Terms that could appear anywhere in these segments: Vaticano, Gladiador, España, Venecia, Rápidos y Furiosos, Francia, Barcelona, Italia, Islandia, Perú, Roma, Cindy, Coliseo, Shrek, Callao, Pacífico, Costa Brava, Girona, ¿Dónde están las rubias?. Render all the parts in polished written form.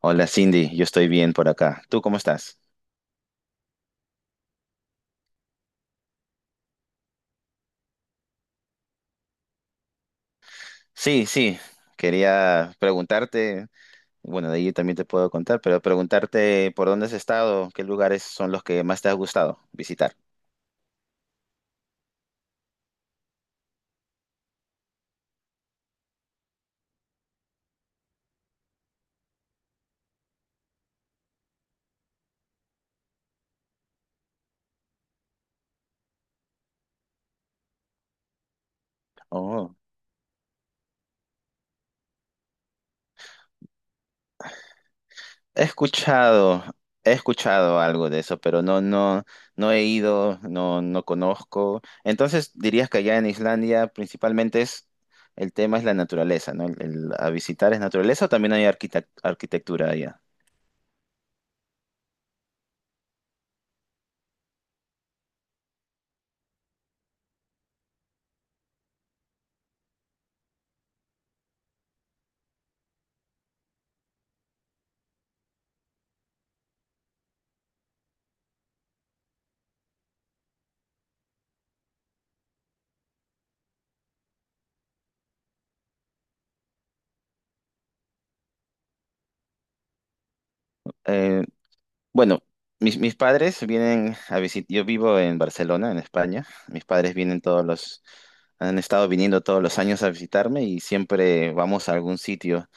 Hola Cindy, yo estoy bien por acá. ¿Tú cómo estás? Sí, sí, quería preguntarte, bueno, de ahí también te puedo contar, pero preguntarte por dónde has estado, qué lugares son los que más te ha gustado visitar. Oh, he escuchado, he escuchado algo de eso, pero no, no, no he ido, no, no conozco. Entonces dirías que allá en Islandia principalmente es, el tema es la naturaleza, ¿no? A visitar es naturaleza o también hay arquitectura allá. Bueno, mis padres vienen a visitar, yo vivo en Barcelona, en España. Mis padres vienen han estado viniendo todos los años a visitarme y siempre vamos a algún sitio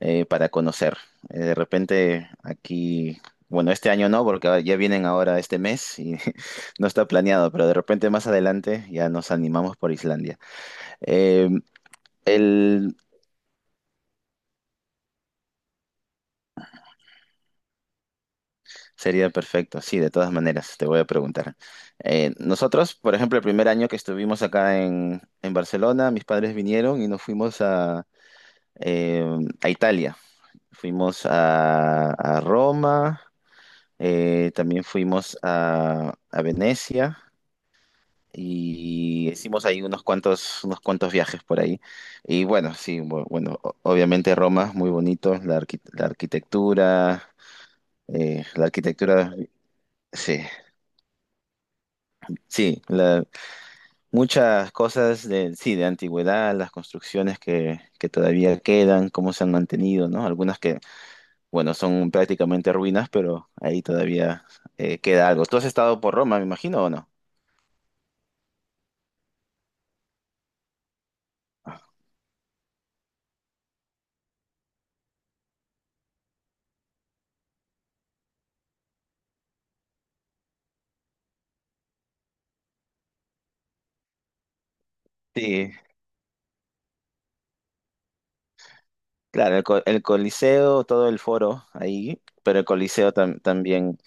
para conocer. De repente aquí, bueno, este año no, porque ya vienen ahora este mes y no está planeado, pero de repente más adelante ya nos animamos por Islandia. Eh, el- Sería perfecto, sí, de todas maneras, te voy a preguntar. Nosotros, por ejemplo, el primer año que estuvimos acá en Barcelona, mis padres vinieron y nos fuimos eh, a Italia. Fuimos a Roma, también fuimos a Venecia y hicimos ahí unos cuantos viajes por ahí. Y bueno, sí, bueno, obviamente Roma, muy bonito, la arquitectura, la arquitectura, sí. Sí, muchas cosas de, sí, de antigüedad, las construcciones que, todavía quedan, cómo se han mantenido, ¿no? Algunas que, bueno, son prácticamente ruinas, pero ahí todavía queda algo. ¿Tú has estado por Roma, me imagino, o no? Sí, claro, el Coliseo, todo el foro ahí, pero el Coliseo también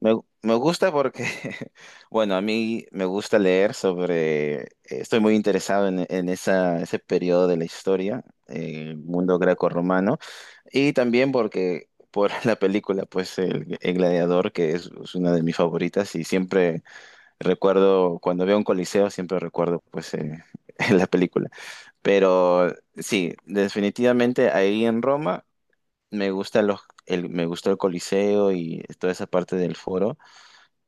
me gusta porque, bueno, a mí me gusta leer sobre, estoy muy interesado en ese periodo de la historia, mundo greco-romano. Y también porque por la película, pues el Gladiador, que es una de mis favoritas, y siempre recuerdo, cuando veo un coliseo, siempre recuerdo pues la película. Pero sí, definitivamente ahí en Roma me gustó el Coliseo y toda esa parte del foro.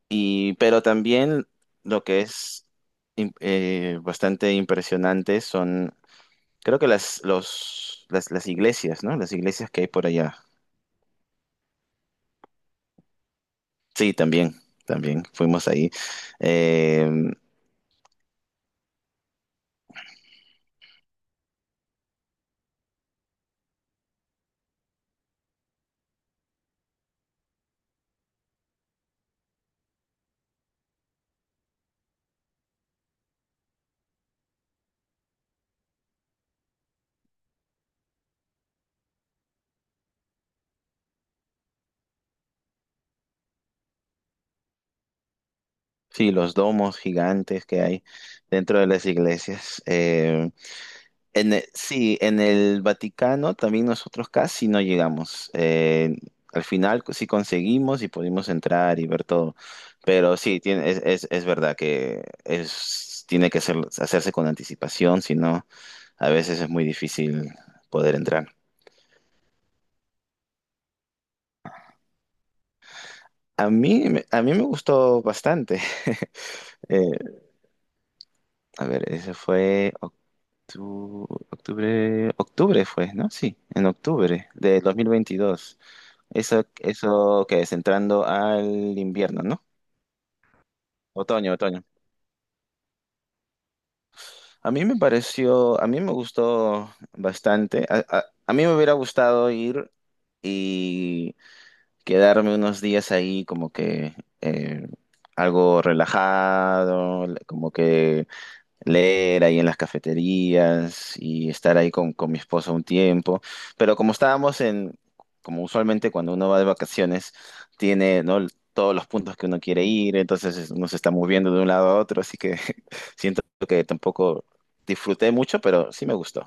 Pero también lo que es bastante impresionante son, creo que las iglesias, ¿no? Las iglesias que hay por allá. Sí, también fuimos ahí. Eh, sí, los domos gigantes que hay dentro de las iglesias. Sí, en el Vaticano también nosotros casi no llegamos. Al final sí conseguimos y pudimos entrar y ver todo. Pero sí, tiene, es verdad que es, tiene que ser- hacerse con anticipación, si no, a veces es muy difícil poder entrar. A mí, a mí me gustó bastante. A ver, ese fue octubre fue, ¿no? Sí, en octubre de 2022. Eso que es entrando al invierno, ¿no? Otoño, otoño. A mí me gustó bastante. A mí me hubiera gustado ir y quedarme unos días ahí como que eh, algo relajado, como que leer ahí en las cafeterías y estar ahí con mi esposa un tiempo. Pero como estábamos como usualmente cuando uno va de vacaciones, tiene, ¿no? todos los puntos que uno quiere ir, entonces uno se está moviendo de un lado a otro, así que siento que tampoco disfruté mucho, pero sí me gustó.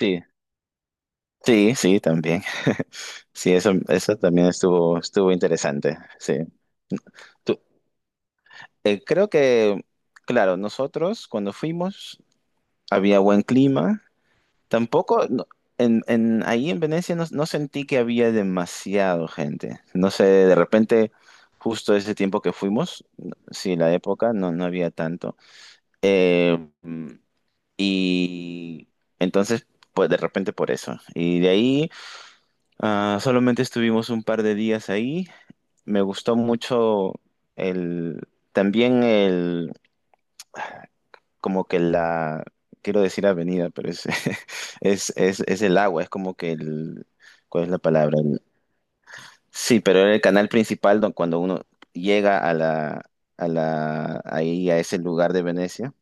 Sí, sí, sí, también. Sí, eso también estuvo interesante. Sí. Tú- Creo que, claro, nosotros cuando fuimos había buen clima. Tampoco, no, ahí en Venecia no, no sentí que había demasiado gente. No sé, de repente, justo ese tiempo que fuimos, sí, la época, no, no había tanto. Eh, y entonces, pues de repente por eso. Y de ahí, solamente estuvimos un par de días ahí. Me gustó mucho el, también como que quiero decir avenida, pero es el agua, es como que ¿cuál es la palabra? Sí, pero era el canal principal cuando uno llega ahí a ese lugar de Venecia.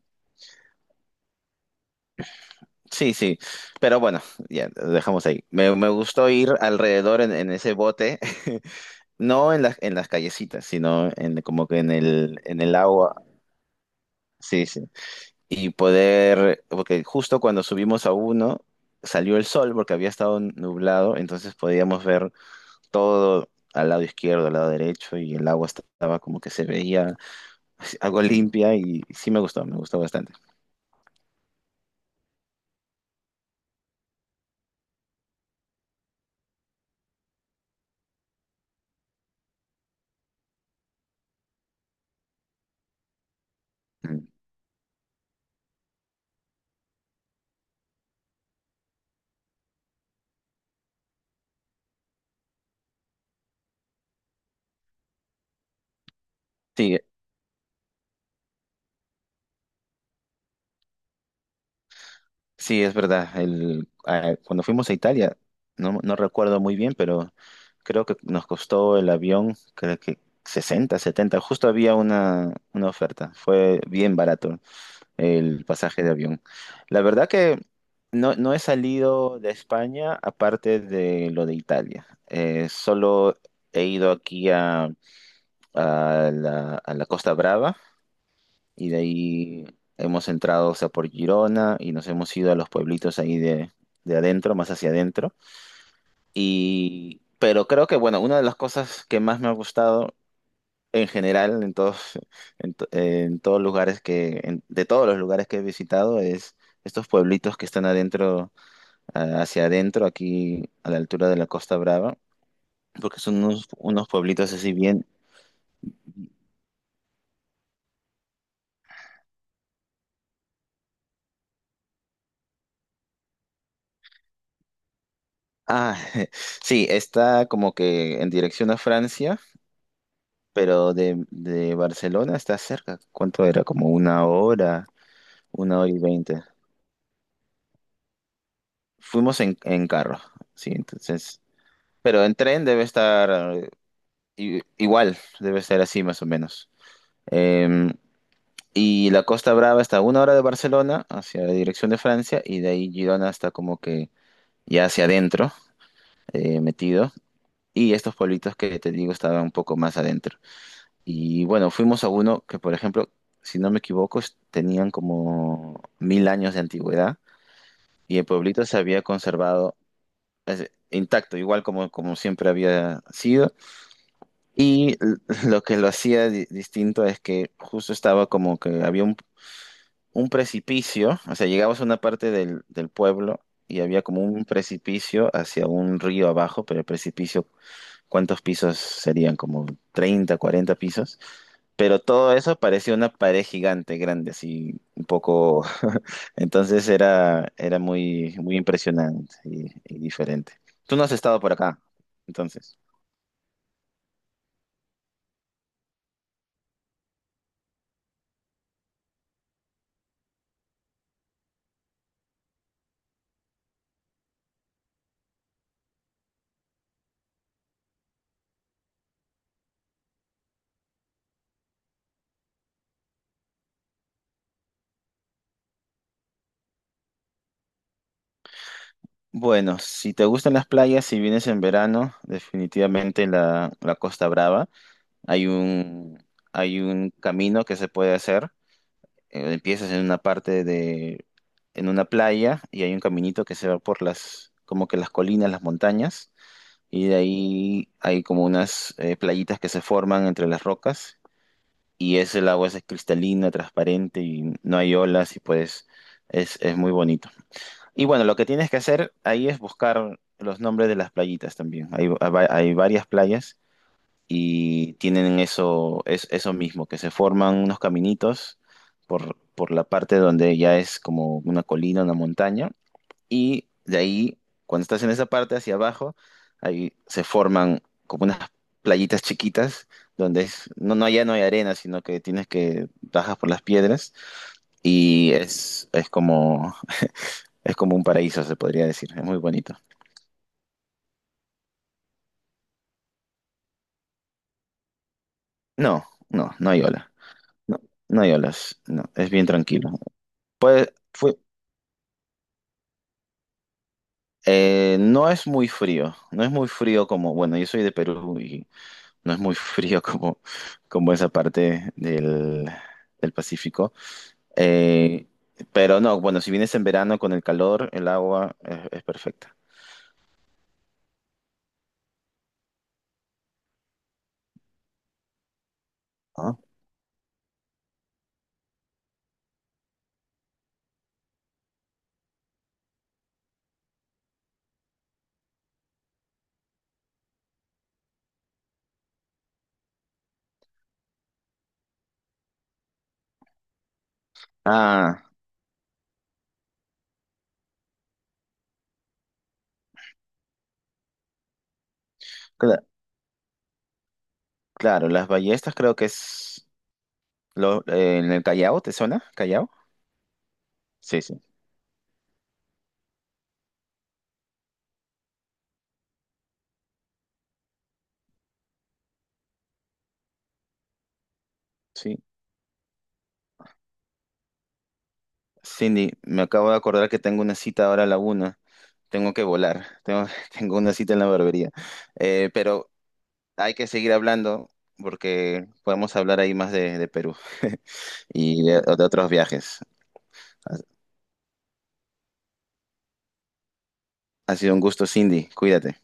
Sí, sí, pero bueno, ya lo dejamos ahí. Me gustó ir alrededor en ese bote, no en en las callecitas, sino como que en el agua. Sí, sí. Y poder, porque justo cuando subimos a uno, salió el sol porque había estado nublado, entonces podíamos ver todo al lado izquierdo, al lado derecho, y el agua estaba como que se veía algo limpia y sí me gustó, bastante. Mm. Sí, sí, es verdad. Cuando fuimos a Italia, no, no recuerdo muy bien, pero creo que nos costó el avión, creo que 60, 70, justo había una oferta, fue bien barato. El pasaje de avión. La verdad que no, no he salido de España aparte de lo de Italia. Solo he ido aquí a la Costa Brava y de ahí hemos entrado, o sea, por Girona y nos hemos ido a los pueblitos ahí de adentro, más hacia adentro. Pero creo que, bueno, una de las cosas que más me ha gustado en general, en todos lugares que, de todos los lugares que he visitado, es estos pueblitos que están adentro, hacia adentro, aquí a la altura de la Costa Brava, porque son unos pueblitos así bien. Ah, sí, está como que en dirección a Francia, pero de Barcelona está cerca. ¿Cuánto era? Como una hora y veinte. Fuimos en carro, sí, entonces. Pero en tren debe estar. Igual, debe ser así más o menos. Eh, y la Costa Brava está a una hora de Barcelona, hacia la dirección de Francia, y de ahí Girona está como que ya hacia adentro, metido. Y estos pueblitos que te digo estaban un poco más adentro. Y bueno, fuimos a uno que, por ejemplo, si no me equivoco, tenían como 1000 años de antigüedad y el pueblito se había conservado intacto, igual como siempre había sido. Y lo que lo hacía distinto es que justo estaba como que había un precipicio, o sea, llegabas a una parte del pueblo y había como un precipicio hacia un río abajo, pero el precipicio, ¿cuántos pisos serían? Como 30, 40 pisos. Pero todo eso parecía una pared gigante, grande, así un poco... Entonces era muy, muy impresionante y diferente. Tú no has estado por acá, entonces. Bueno, si te gustan las playas, si vienes en verano, definitivamente la Costa Brava. Hay un, Hay un camino que se puede hacer. Empiezas en una parte de, en una playa y hay un caminito que se va por las, como que las colinas, las montañas. Y de ahí hay como unas playitas que se forman entre las rocas. Y ese el agua es cristalina, transparente y no hay olas y pues es muy bonito. Y bueno, lo que tienes que hacer ahí es buscar los nombres de las playitas también. Hay varias playas y tienen eso, eso mismo, que se forman unos caminitos por la parte donde ya es como una colina, una montaña. Y de ahí, cuando estás en esa parte hacia abajo, ahí se forman como unas playitas chiquitas donde no, no, ya no hay arena, sino que tienes que bajas por las piedras y es como un paraíso, se podría decir. Es muy bonito. No, no, no hay olas. No, no hay olas. No, es bien tranquilo. Pues fue, no es muy frío. No es muy frío como, bueno, yo soy de Perú y no es muy frío como, esa parte del Pacífico. Eh, pero no, bueno, si vienes en verano con el calor, el agua es perfecta. ¿No? Ah, cla- claro, las Ballestas creo que es en el Callao, ¿te suena? ¿Callao? Sí, sí, sí. Cindy, me acabo de acordar que tengo una cita ahora a la una. Tengo que volar. Tengo, tengo una cita en la barbería. Pero hay que seguir hablando, porque podemos hablar ahí más de Perú y de otros viajes. Ha Ha sido un gusto, Cindy. Cuídate.